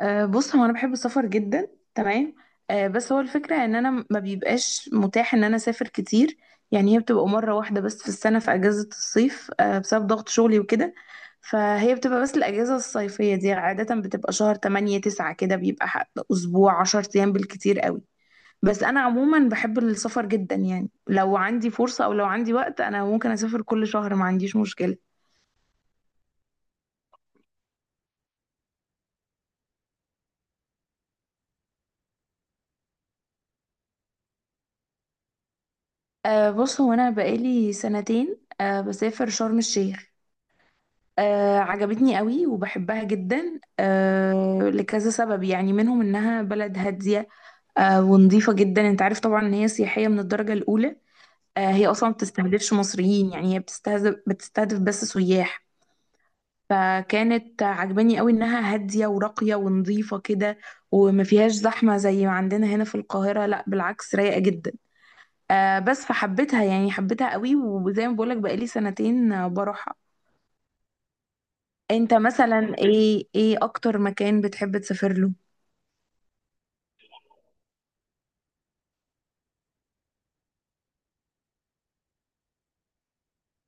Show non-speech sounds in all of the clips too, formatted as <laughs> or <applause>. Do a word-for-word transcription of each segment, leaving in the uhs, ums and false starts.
أه بص هو انا بحب السفر جدا. تمام. أه بس هو الفكره ان انا ما بيبقاش متاح ان انا اسافر كتير. يعني هي بتبقى مره واحده بس في السنه في اجازه الصيف، أه بسبب ضغط شغلي وكده. فهي بتبقى بس الاجازه الصيفيه دي عاده بتبقى شهر تمانية تسعة كده، بيبقى حق- اسبوع عشر ايام بالكتير قوي. بس انا عموما بحب السفر جدا يعني، لو عندي فرصه او لو عندي وقت انا ممكن اسافر كل شهر، ما عنديش مشكله. أه بص هو انا بقالي سنتين أه بسافر شرم الشيخ. آه عجبتني قوي وبحبها جدا، آه لكذا سبب يعني منهم انها بلد هادية. آه ونظيفة جدا، انت عارف طبعا ان هي سياحية من الدرجة الاولى. آه هي اصلا ما بتستهدفش مصريين، يعني هي بتستهدف بتستهدف بس سياح. فكانت عجباني قوي انها هادية وراقية ونظيفة كده. وما فيهاش زحمة زي ما عندنا هنا في القاهرة، لا بالعكس، رايقة جدا. آه بس فحبيتها يعني، حبيتها قوي، وزي ما بقولك بقالي سنتين آه، بروحها. انت مثلا ايه، ايه اكتر مكان بتحب تسافر له؟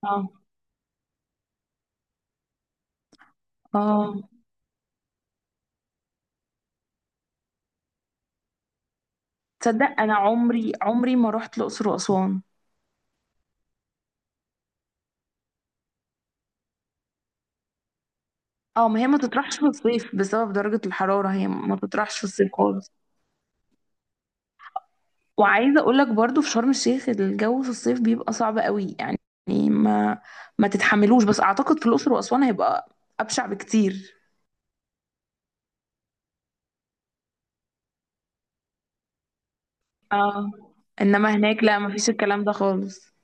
اه اه، تصدق انا عمري عمري ما رحت الاقصر واسوان؟ اه، ما هي ما تطرحش في الصيف بسبب درجة الحرارة، هي ما تطرحش في الصيف خالص. وعايزة اقول لك برضو في شرم الشيخ الجو في الصيف بيبقى صعب قوي يعني، ما ما تتحملوش، بس اعتقد في الاقصر واسوان هيبقى ابشع بكتير. اه، انما هناك لا، ما فيش الكلام ده خالص.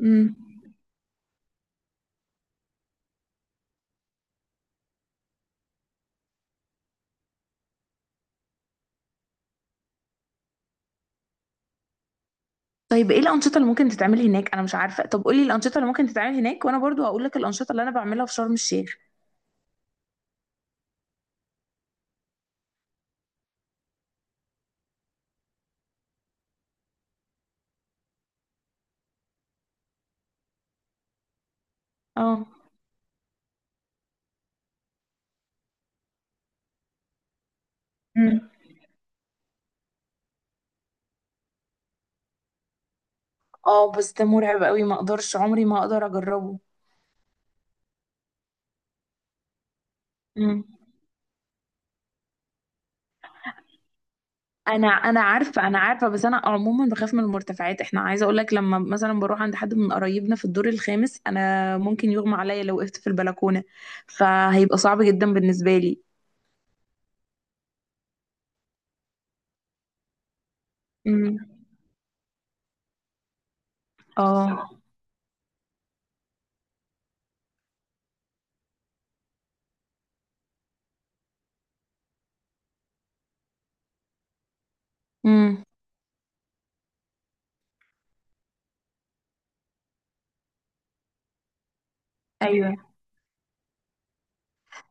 امم. طيب ايه الانشطه اللي ممكن تتعمل هناك؟ انا مش عارفه. طب قولي الانشطه اللي ممكن تتعمل هناك وانا برضو هقول لك الانشطه اللي انا بعملها في شرم الشيخ. اه. مم. اه، بس ده مرعب قوي، ما اقدرش، عمري ما اقدر اجربه. مم. انا انا عارفه، انا عارفه، بس انا عموما بخاف من المرتفعات، احنا عايزه اقول لك لما مثلا بروح عند حد من قرايبنا في الدور الخامس انا ممكن يغمى عليا لو وقفت في البلكونه، فهيبقى صعب جدا بالنسبه لي. مم. اه. امم. ايوه.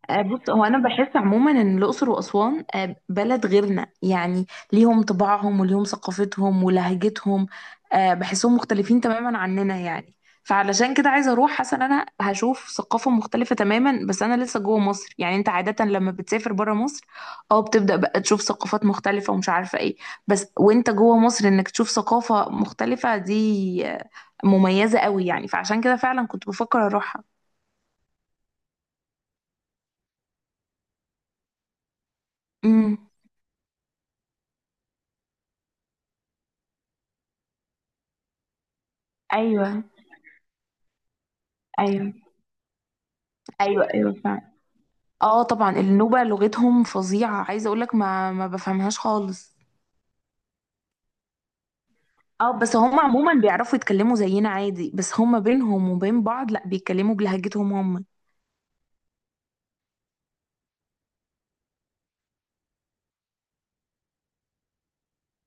آه، بص هو انا بحس عموما ان الاقصر واسوان آه، بلد غيرنا يعني. ليهم طباعهم وليهم ثقافتهم ولهجتهم. آه، بحسهم مختلفين تماما عننا يعني. فعلشان كده عايزه اروح، حاسه ان انا هشوف ثقافه مختلفه تماما بس انا لسه جوه مصر. يعني انت عاده لما بتسافر بره مصر اه، بتبدا بقى تشوف ثقافات مختلفه ومش عارفه ايه، بس وانت جوه مصر انك تشوف ثقافه مختلفه دي آه، مميزه قوي يعني، فعشان كده فعلا كنت بفكر اروحها. امم. ايوه. ايوه ايوه ايوه فعلا. اه طبعا، النوبة لغتهم فظيعة، عايزة اقولك ما ما بفهمهاش خالص. اه، بس هم عموما بيعرفوا يتكلموا زينا عادي، بس هم بينهم وبين بعض لا، بيتكلموا بلهجتهم هم.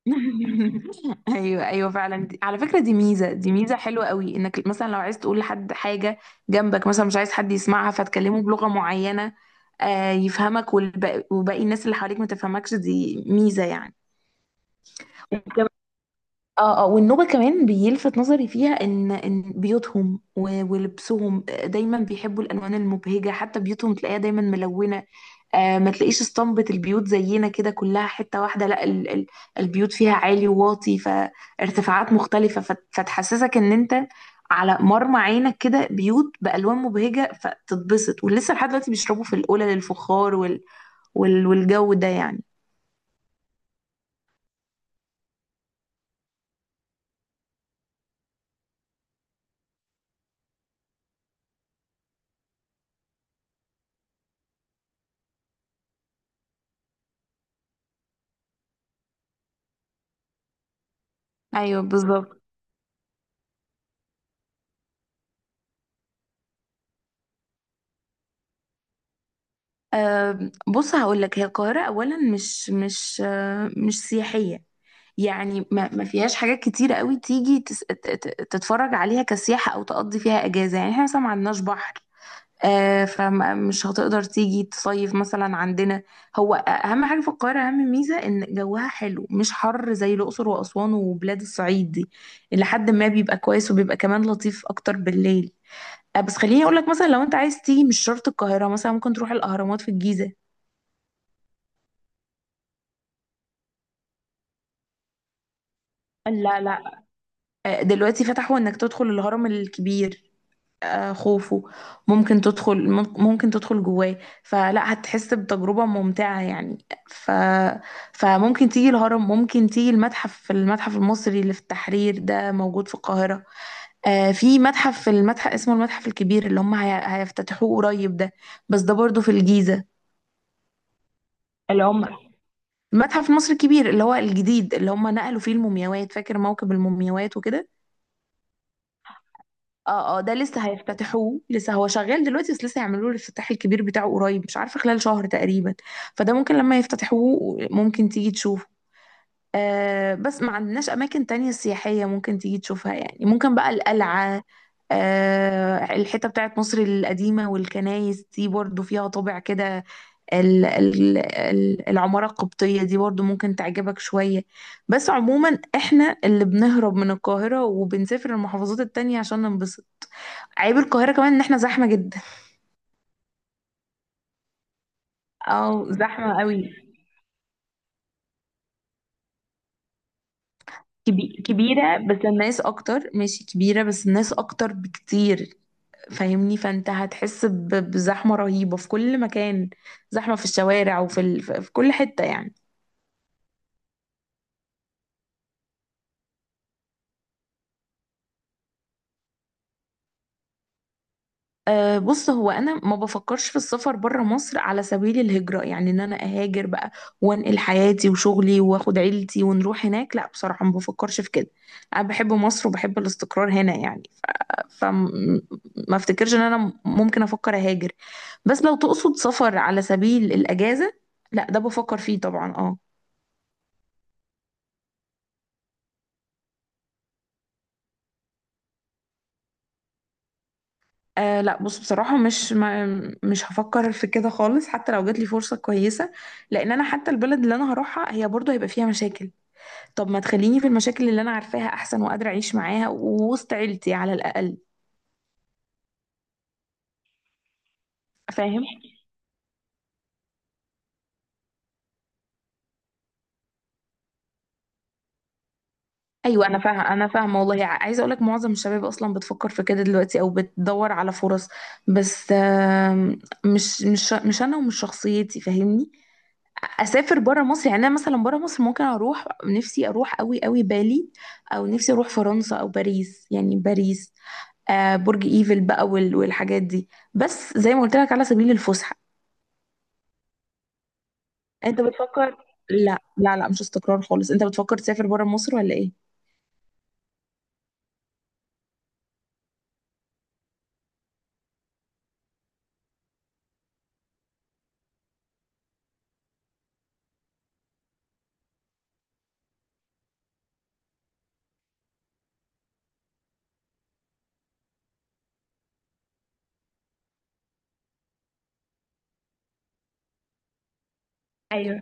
<laughs> ايوه ايوه فعلا. دي- على فكرة دي ميزة دي ميزة حلوة قوي، انك مثلا لو عايز تقول لحد حاجة جنبك، مثلا مش عايز حد يسمعها فتكلمه بلغة معينة آه يفهمك والب- وباقي الناس اللي حواليك ما تفهمكش، دي ميزة يعني. اه اه، والنوبة كمان بيلفت نظري فيها ان ان بيوتهم و- ولبسهم، آه، دايما بيحبوا الالوان المبهجة، حتى بيوتهم تلاقيها دايما ملونة. آه ما تلاقيش اسطمبة البيوت زينا كده كلها حتة واحدة، لا، ال ال البيوت فيها عالي وواطي، فارتفاعات مختلفة فت- فتحسسك ان انت على مرمى عينك كده بيوت بألوان مبهجة فتتبسط، ولسه لحد دلوقتي بيشربوا في القلل الفخار وال وال والجو ده يعني. ايوه بالظبط. أه بص هقول لك، هي القاهرة أولا مش مش أه مش سياحية. يعني ما ما فيهاش حاجات كتيرة قوي تيجي تس ت- ت- تتفرج عليها كسياحة أو تقضي فيها أجازة، يعني احنا مثلا ما عندناش بحر، أه فمش هتقدر تيجي تصيف مثلا عندنا. هو أهم حاجة في القاهرة، أهم ميزة إن جوها حلو مش حر زي الأقصر وأسوان وبلاد الصعيد دي، اللي حد ما بيبقى كويس وبيبقى كمان لطيف أكتر بالليل. آه، بس خليني اقول لك مثلا، لو انت عايز تيجي مش شرط القاهره، مثلا ممكن تروح الاهرامات في الجيزه. لا لا. آه، دلوقتي فتحوا انك تدخل الهرم الكبير، آه، خوفو. ممكن تدخل مم- ممكن تدخل جواه فلا هتحس بتجربة ممتعة يعني. ف فممكن تيجي الهرم، ممكن تيجي المتحف المتحف المصري اللي في التحرير ده موجود في القاهرة. آه، في متحف، في المتحف اسمه المتحف الكبير اللي هم هي- هيفتتحوه قريب ده، بس ده برضه في الجيزة. اللي هم المتحف المصري الكبير اللي هو الجديد اللي هم نقلوا فيه المومياوات، فاكر موكب المومياوات وكده. اه اه، ده لسه هيفتتحوه، لسه هو شغال دلوقتي بس لسه هيعملوا له الافتتاح الكبير بتاعه قريب، مش عارفه خلال شهر تقريبا. فده ممكن لما يفتتحوه ممكن تيجي تشوفه. آه بس ما عندناش اماكن تانية سياحيه ممكن تيجي تشوفها يعني، ممكن بقى القلعه، آه الحته بتاعت مصر القديمه والكنايس دي برضو فيها طابع كده، ال- ال- ال- العماره القبطيه دي برضو ممكن تعجبك شويه. بس عموما احنا اللي بنهرب من القاهره وبنسافر المحافظات التانية عشان ننبسط. عيب القاهرة كمان ان احنا زحمة جدا، او زحمة قوي. كبي... كبيرة بس الناس اكتر، ماشي كبيرة بس الناس اكتر بكتير، فاهمني، فانت هتحس ب... بزحمة رهيبة في كل مكان، زحمة في الشوارع وفي ال... في في كل حتة يعني. أه بص هو انا ما بفكرش في السفر بره مصر على سبيل الهجرة، يعني ان انا اهاجر بقى وانقل حياتي وشغلي واخد عيلتي ونروح هناك، لا بصراحة ما بفكرش في كده. انا بحب مصر وبحب الاستقرار هنا يعني، فما افتكرش ان انا ممكن افكر اهاجر. بس لو تقصد سفر على سبيل الاجازه، لا ده بفكر فيه طبعا اه. آه لا بص، بصراحة مش ما مش هفكر في كده خالص حتى لو جات لي فرصة كويسة، لأن أنا حتى البلد اللي أنا هروحها هي برضه هيبقى فيها مشاكل. طب ما تخليني في المشاكل اللي أنا عارفاها أحسن، وقادرة أعيش معاها ووسط عيلتي على الأقل. فاهم. ايوه انا فاهمه، انا فاهمه والله، ع- عايزه اقول لك معظم الشباب اصلا بتفكر في كده دلوقتي او بتدور على فرص، بس آم، مش مش مش انا، ومش شخصيتي، فاهمني، اسافر بره مصر. يعني انا مثلا بره مصر ممكن اروح، نفسي اروح قوي قوي بالي، او نفسي اروح فرنسا او باريس، يعني باريس آه برج ايفل بقى وال- والحاجات دي، بس زي ما قلت لك على سبيل الفسحه. انت بتفكر، لا لا لا، مش استقرار خالص. انت بتفكر تسافر بره مصر ولا ايه؟ ايوه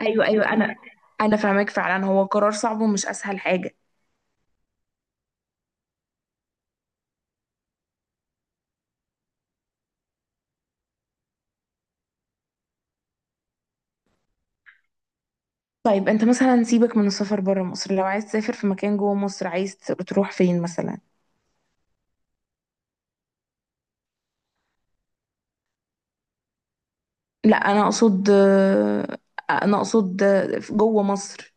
ايوه ايوه، انا انا فاهمك فعلا، هو قرار صعب ومش اسهل حاجه. طيب انت مثلا سيبك من السفر بره مصر، لو عايز تسافر في مكان جوه مصر، عايز تروح فين مثلا؟ لا انا اقصد، انا اقصد جوه مصر.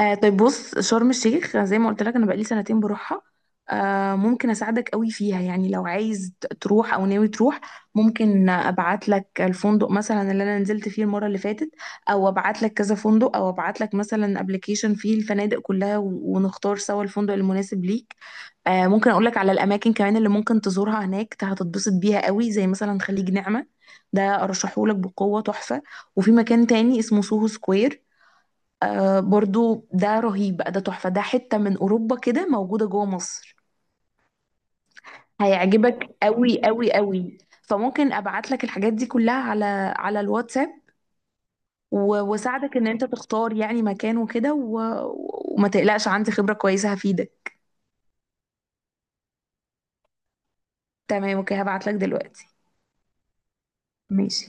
آه طيب بص، شرم الشيخ زي ما قلت لك انا بقالي سنتين بروحها، آه ممكن اساعدك قوي فيها يعني، لو عايز ت- تروح او ناوي تروح. ممكن ابعت لك الفندق مثلا اللي انا نزلت فيه المره اللي فاتت، او ابعت لك كذا فندق، او ابعت لك مثلا ابلكيشن فيه الفنادق كلها و- ونختار سوا الفندق المناسب ليك. آه ممكن اقول لك على الاماكن كمان اللي ممكن تزورها هناك، ت- هتتبسط بيها قوي، زي مثلا خليج نعمه، ده ارشحهولك بقوه، تحفه. وفي مكان تاني اسمه سوهو سكوير، آه برضو ده رهيب بقى، ده تحفة، ده حتة من أوروبا كده موجودة جوه مصر، هيعجبك قوي قوي قوي. فممكن أبعت لك الحاجات دي كلها على على الواتساب، و- وأساعدك إن أنت تختار يعني مكان وكده و... وما تقلقش، عندي خبرة كويسة هفيدك. تمام، أوكي هبعت لك دلوقتي. ماشي.